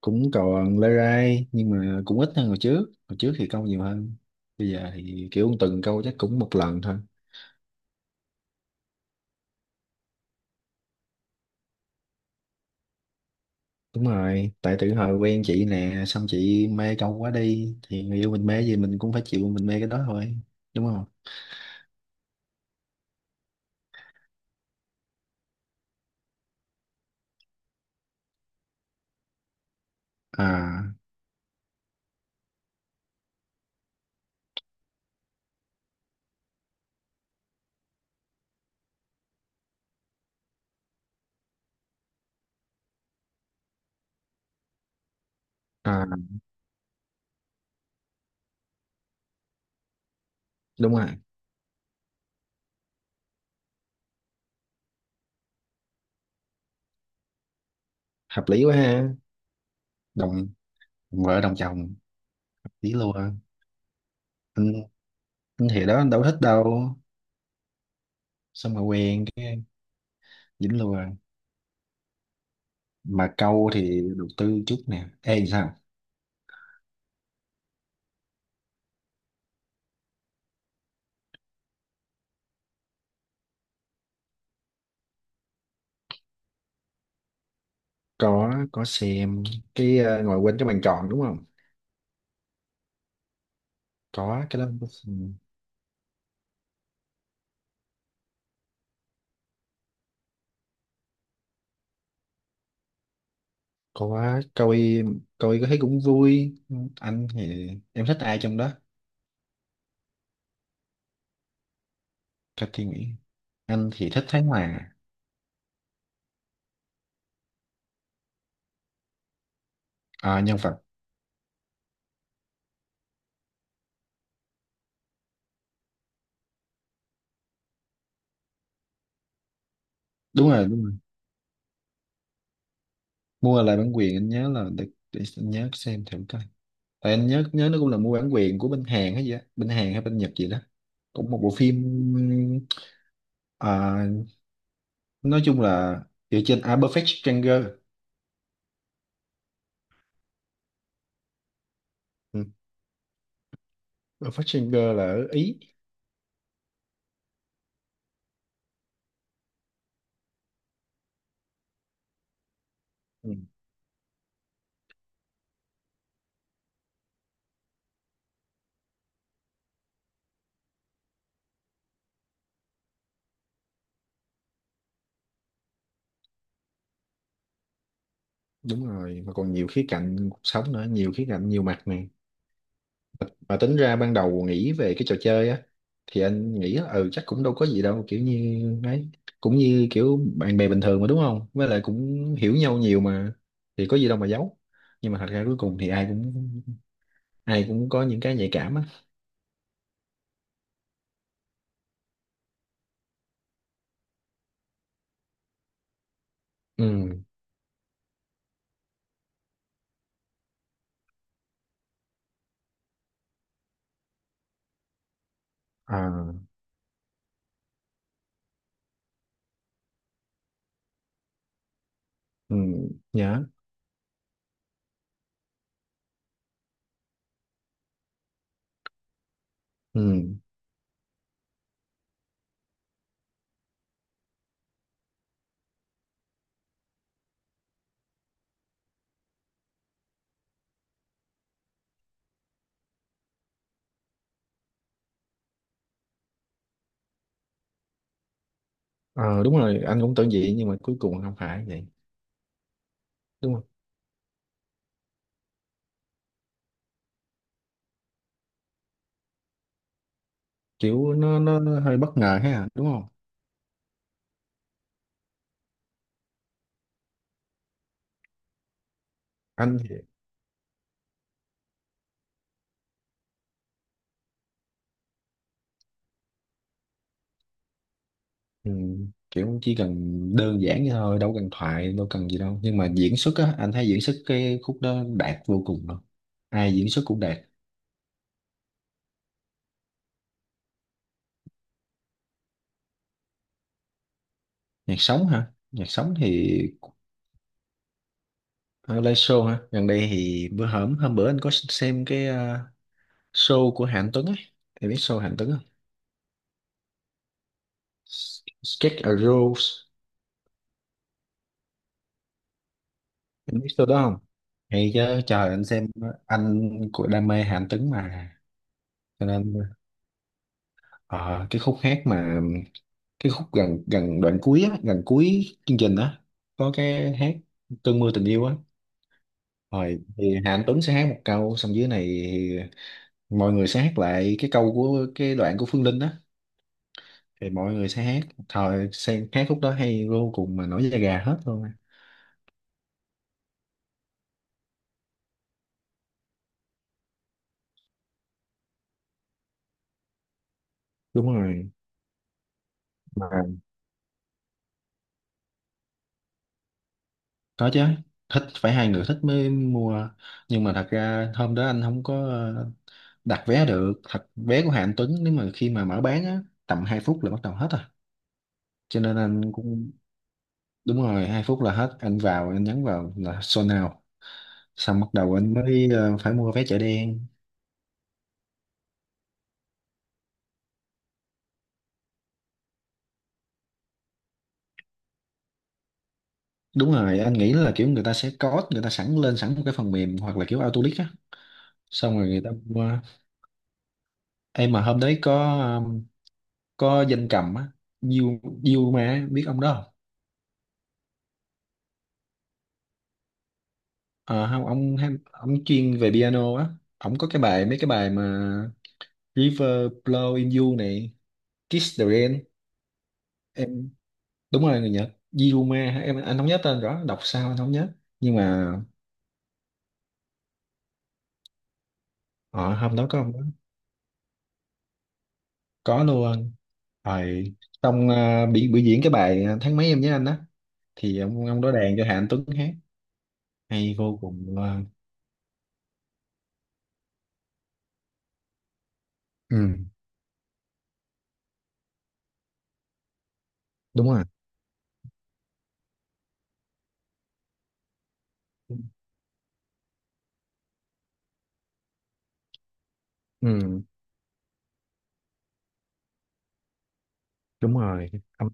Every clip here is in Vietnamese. Cũng còn lê rai, nhưng mà cũng ít hơn hồi trước. Hồi trước thì câu nhiều hơn. Bây giờ thì kiểu tuần câu chắc cũng một lần thôi. Đúng rồi, tại từ hồi quen chị nè, xong chị mê câu quá đi, thì người yêu mình mê gì mình cũng phải chịu, mình mê cái đó thôi. Đúng không? À. À, đúng rồi. Hợp lý quá ha. Đồng vợ đồng chồng, lý luôn anh. Anh thì đó, anh đâu thích đâu. Xong mà quen cái dính luôn. Mà câu thì đầu tư chút nè. Ê, sao? Có xem. Ngồi quên cái bàn tròn đúng không? Có cái đó. Ừ, có xem. Có. Coi. Coi có thấy cũng vui. Anh thì, em thích ai trong đó? Cho suy nghĩ. Anh thì thích Thái Hòa. À, nhân vật. Đúng rồi, đúng rồi. Mua lại bản quyền, anh nhớ là, để anh nhớ xem thử coi. Tại anh nhớ, nó cũng là mua bản quyền của bên Hàn hay gì á, bên Hàn hay bên Nhật gì đó. Cũng một bộ phim. À, nói chung là dựa trên, Perfect Stranger. Ừ. Perfect Stranger là ở Ý. Ừ, đúng rồi. Mà còn nhiều khía cạnh cuộc sống nữa, nhiều khía cạnh, nhiều mặt này. Mà tính ra ban đầu nghĩ về cái trò chơi á, thì anh nghĩ á, ừ, chắc cũng đâu có gì đâu, kiểu như ấy. Cũng như kiểu bạn bè bình thường mà, đúng không, với lại cũng hiểu nhau nhiều mà, thì có gì đâu mà giấu. Nhưng mà thật ra cuối cùng thì ai cũng, ai cũng có những cái nhạy cảm á. Ừ. À. Ừ. Nhớ. Ừ. Ờ, đúng rồi, anh cũng tưởng vậy, nhưng mà cuối cùng không phải vậy. Đúng không? Kiểu nó nó hơi bất ngờ ha, đúng không anh? Ừ, kiểu chỉ cần đơn giản vậy thôi, đâu cần thoại, đâu cần gì đâu, nhưng mà diễn xuất á, anh thấy diễn xuất cái khúc đó đạt vô cùng luôn. Ai diễn xuất cũng đạt. Nhạc sống hả? Nhạc sống thì, à, live show hả, gần đây thì bữa hổm, hôm bữa anh có xem cái, show của Hạnh Tuấn ấy. Em biết show Hạnh Tuấn không? Sketch a Rose. Em biết show đó không? Hay chứ trời, anh xem. Anh của đam mê Hạnh Tuấn mà, cho nên, à, cái khúc hát mà, cái khúc gần gần đoạn cuối á, gần cuối chương trình á, có cái hát cơn mưa tình yêu á, rồi thì Hà Anh Tuấn sẽ hát một câu, xong dưới này thì mọi người sẽ hát lại cái câu của cái đoạn của Phương Linh á, thì mọi người sẽ hát, thời sẽ hát khúc đó hay vô cùng, mà nổi da gà hết luôn á. Đúng rồi mà. Có chứ. Thích phải hai người thích mới mua. Nhưng mà thật ra hôm đó anh không có, đặt vé được. Thật, vé của Hà Anh Tuấn, nếu mà khi mà mở bán á, tầm 2 phút là bắt đầu hết rồi. Cho nên anh cũng, đúng rồi, 2 phút là hết, anh vào, anh nhấn vào là sold out. Xong bắt đầu anh mới phải mua vé chợ đen. Đúng rồi, anh nghĩ là kiểu người ta sẽ code, người ta sẵn lên một cái phần mềm, hoặc là kiểu Autolic á, xong rồi người ta mua. Em mà hôm đấy có, ờ, có danh cầm á, Diêu Diêu, mà biết ông đó? Ờ không, ông hay- ông chuyên về piano á. Ông có cái bài mấy cái bài mà, River, Blow in You này, Kiss the Rain. Em, đúng rồi, người Nhật. Yiruma hả? Anh không nhớ tên rõ, đọc sao anh không nhớ, nhưng mà, ờ, hôm đó có ông đó. Có luôn. Rồi. Xong bị biểu diễn cái bài, tháng mấy em nhớ anh á, thì ông đó đàn cho Hà Anh Tuấn hát. Hay vô cùng luôn. Ừ. Đúng rồi. Ừ. Đúng rồi. Không.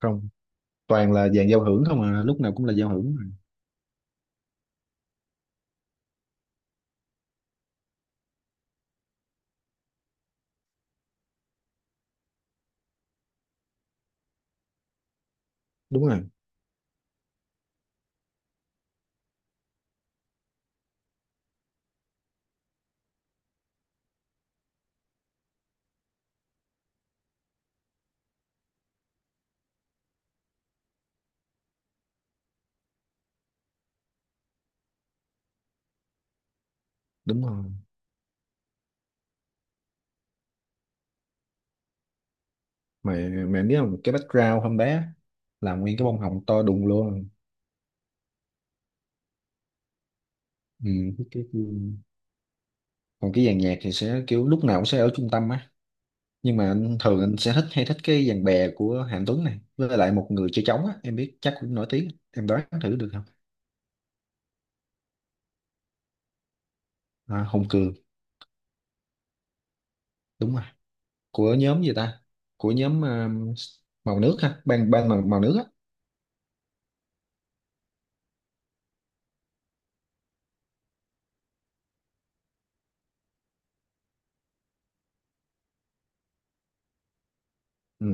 Không, toàn là dàn giao hưởng không à, lúc nào cũng là giao hưởng mà. Đúng rồi, đúng rồi mà. Mẹ biết không, cái background hôm bé là nguyên cái bông hồng to đùng luôn. Ừ. cái- cái- Còn cái dàn nhạc thì sẽ kiểu lúc nào cũng sẽ ở trung tâm á. Nhưng mà anh thường anh sẽ thích, hay thích cái dàn bè của Hạnh Tuấn này, với lại một người chơi trống á, em biết chắc cũng nổi tiếng. Em đoán thử được không? À, Hùng Cường. Đúng rồi. Của nhóm gì ta, của nhóm, màu nước ha, ban ban màu, nước á. Ừ,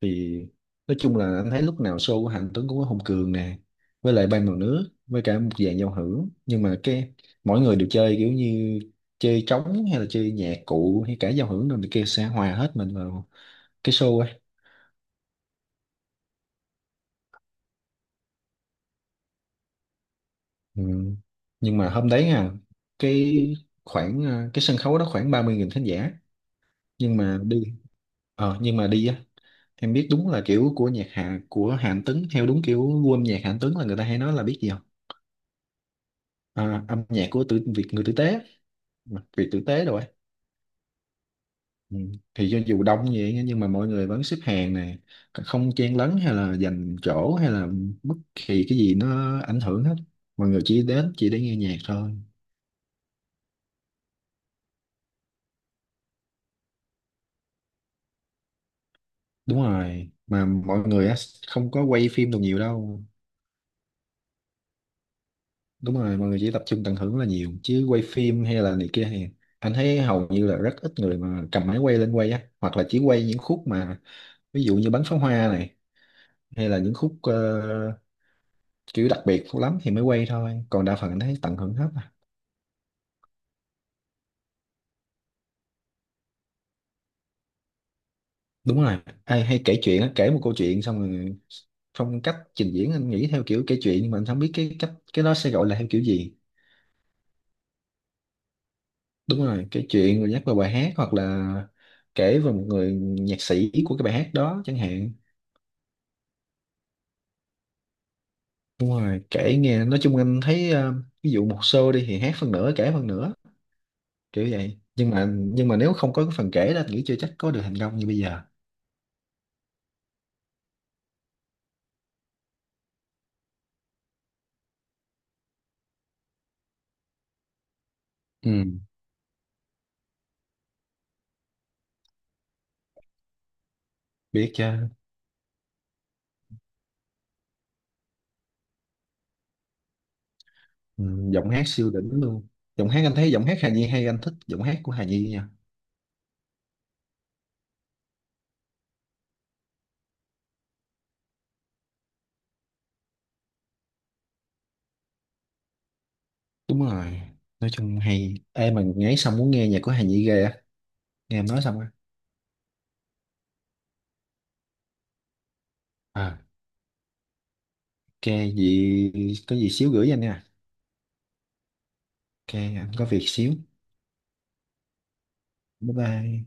thì nói chung là anh thấy lúc nào show của Hạnh Tuấn cũng có Hùng Cường nè, với lại Ban Mặt Nước, với cả một dàn giao hưởng. Nhưng mà cái mỗi người đều chơi kiểu như chơi trống, hay là chơi nhạc cụ, hay cả giao hưởng rồi này kia, sẽ hòa hết mình vào cái show ấy. Ừ. Nhưng mà hôm đấy, cái khoảng, cái sân khấu đó khoảng 30.000 khán giả. Nhưng mà đi, nhưng mà đi á, em biết đúng là kiểu của nhạc hạ của Hạnh Tuấn, theo đúng kiểu gu âm nhạc Hạnh Tuấn, là người ta hay nói là biết gì, à, âm nhạc của tử, Việt người tử tế, Việt tử tế rồi ấy. Ừ. Thì cho dù đông như vậy nhưng mà mọi người vẫn xếp hàng nè, không chen lấn hay là giành chỗ hay là bất kỳ cái gì nó ảnh hưởng hết. Mọi người chỉ đến chỉ để nghe nhạc thôi. Đúng rồi, mà mọi người á, không có quay phim đồ nhiều đâu. Đúng rồi, mọi người chỉ tập trung tận hưởng là nhiều, chứ quay phim hay là này kia thì anh thấy hầu như là rất ít người mà cầm máy quay lên quay á, hoặc là chỉ quay những khúc mà, ví dụ như bắn pháo hoa này, hay là những khúc, kiểu đặc biệt lắm thì mới quay thôi, còn đa phần anh thấy tận hưởng hết à. Đúng rồi, ai hay kể chuyện á, kể một câu chuyện xong rồi, phong cách trình diễn anh nghĩ theo kiểu kể chuyện, nhưng mà anh không biết cái cách cái đó sẽ gọi là theo kiểu gì. Đúng rồi, kể chuyện rồi nhắc vào bài hát, hoặc là kể về một người nhạc sĩ của cái bài hát đó chẳng hạn. Đúng rồi, kể nghe, nói chung anh thấy, ví dụ một show đi thì hát phần nửa kể phần nửa, kiểu vậy, nhưng mà nếu không có cái phần kể đó anh nghĩ chưa chắc có được thành công như bây giờ. Ừ. Biết chưa. Ừ, giọng hát siêu đỉnh luôn. Giọng hát, anh thấy giọng hát Hà Nhi hay, anh thích giọng hát của Hà Nhi nha. Đúng rồi. Nói chung hay. Ê mà ngáy xong muốn nghe nhạc của Hà Nhi ghê á, nghe em nói xong á. À, ok. Gì? Có gì xíu gửi cho anh nha. Ok, anh có việc xíu. Bye bye.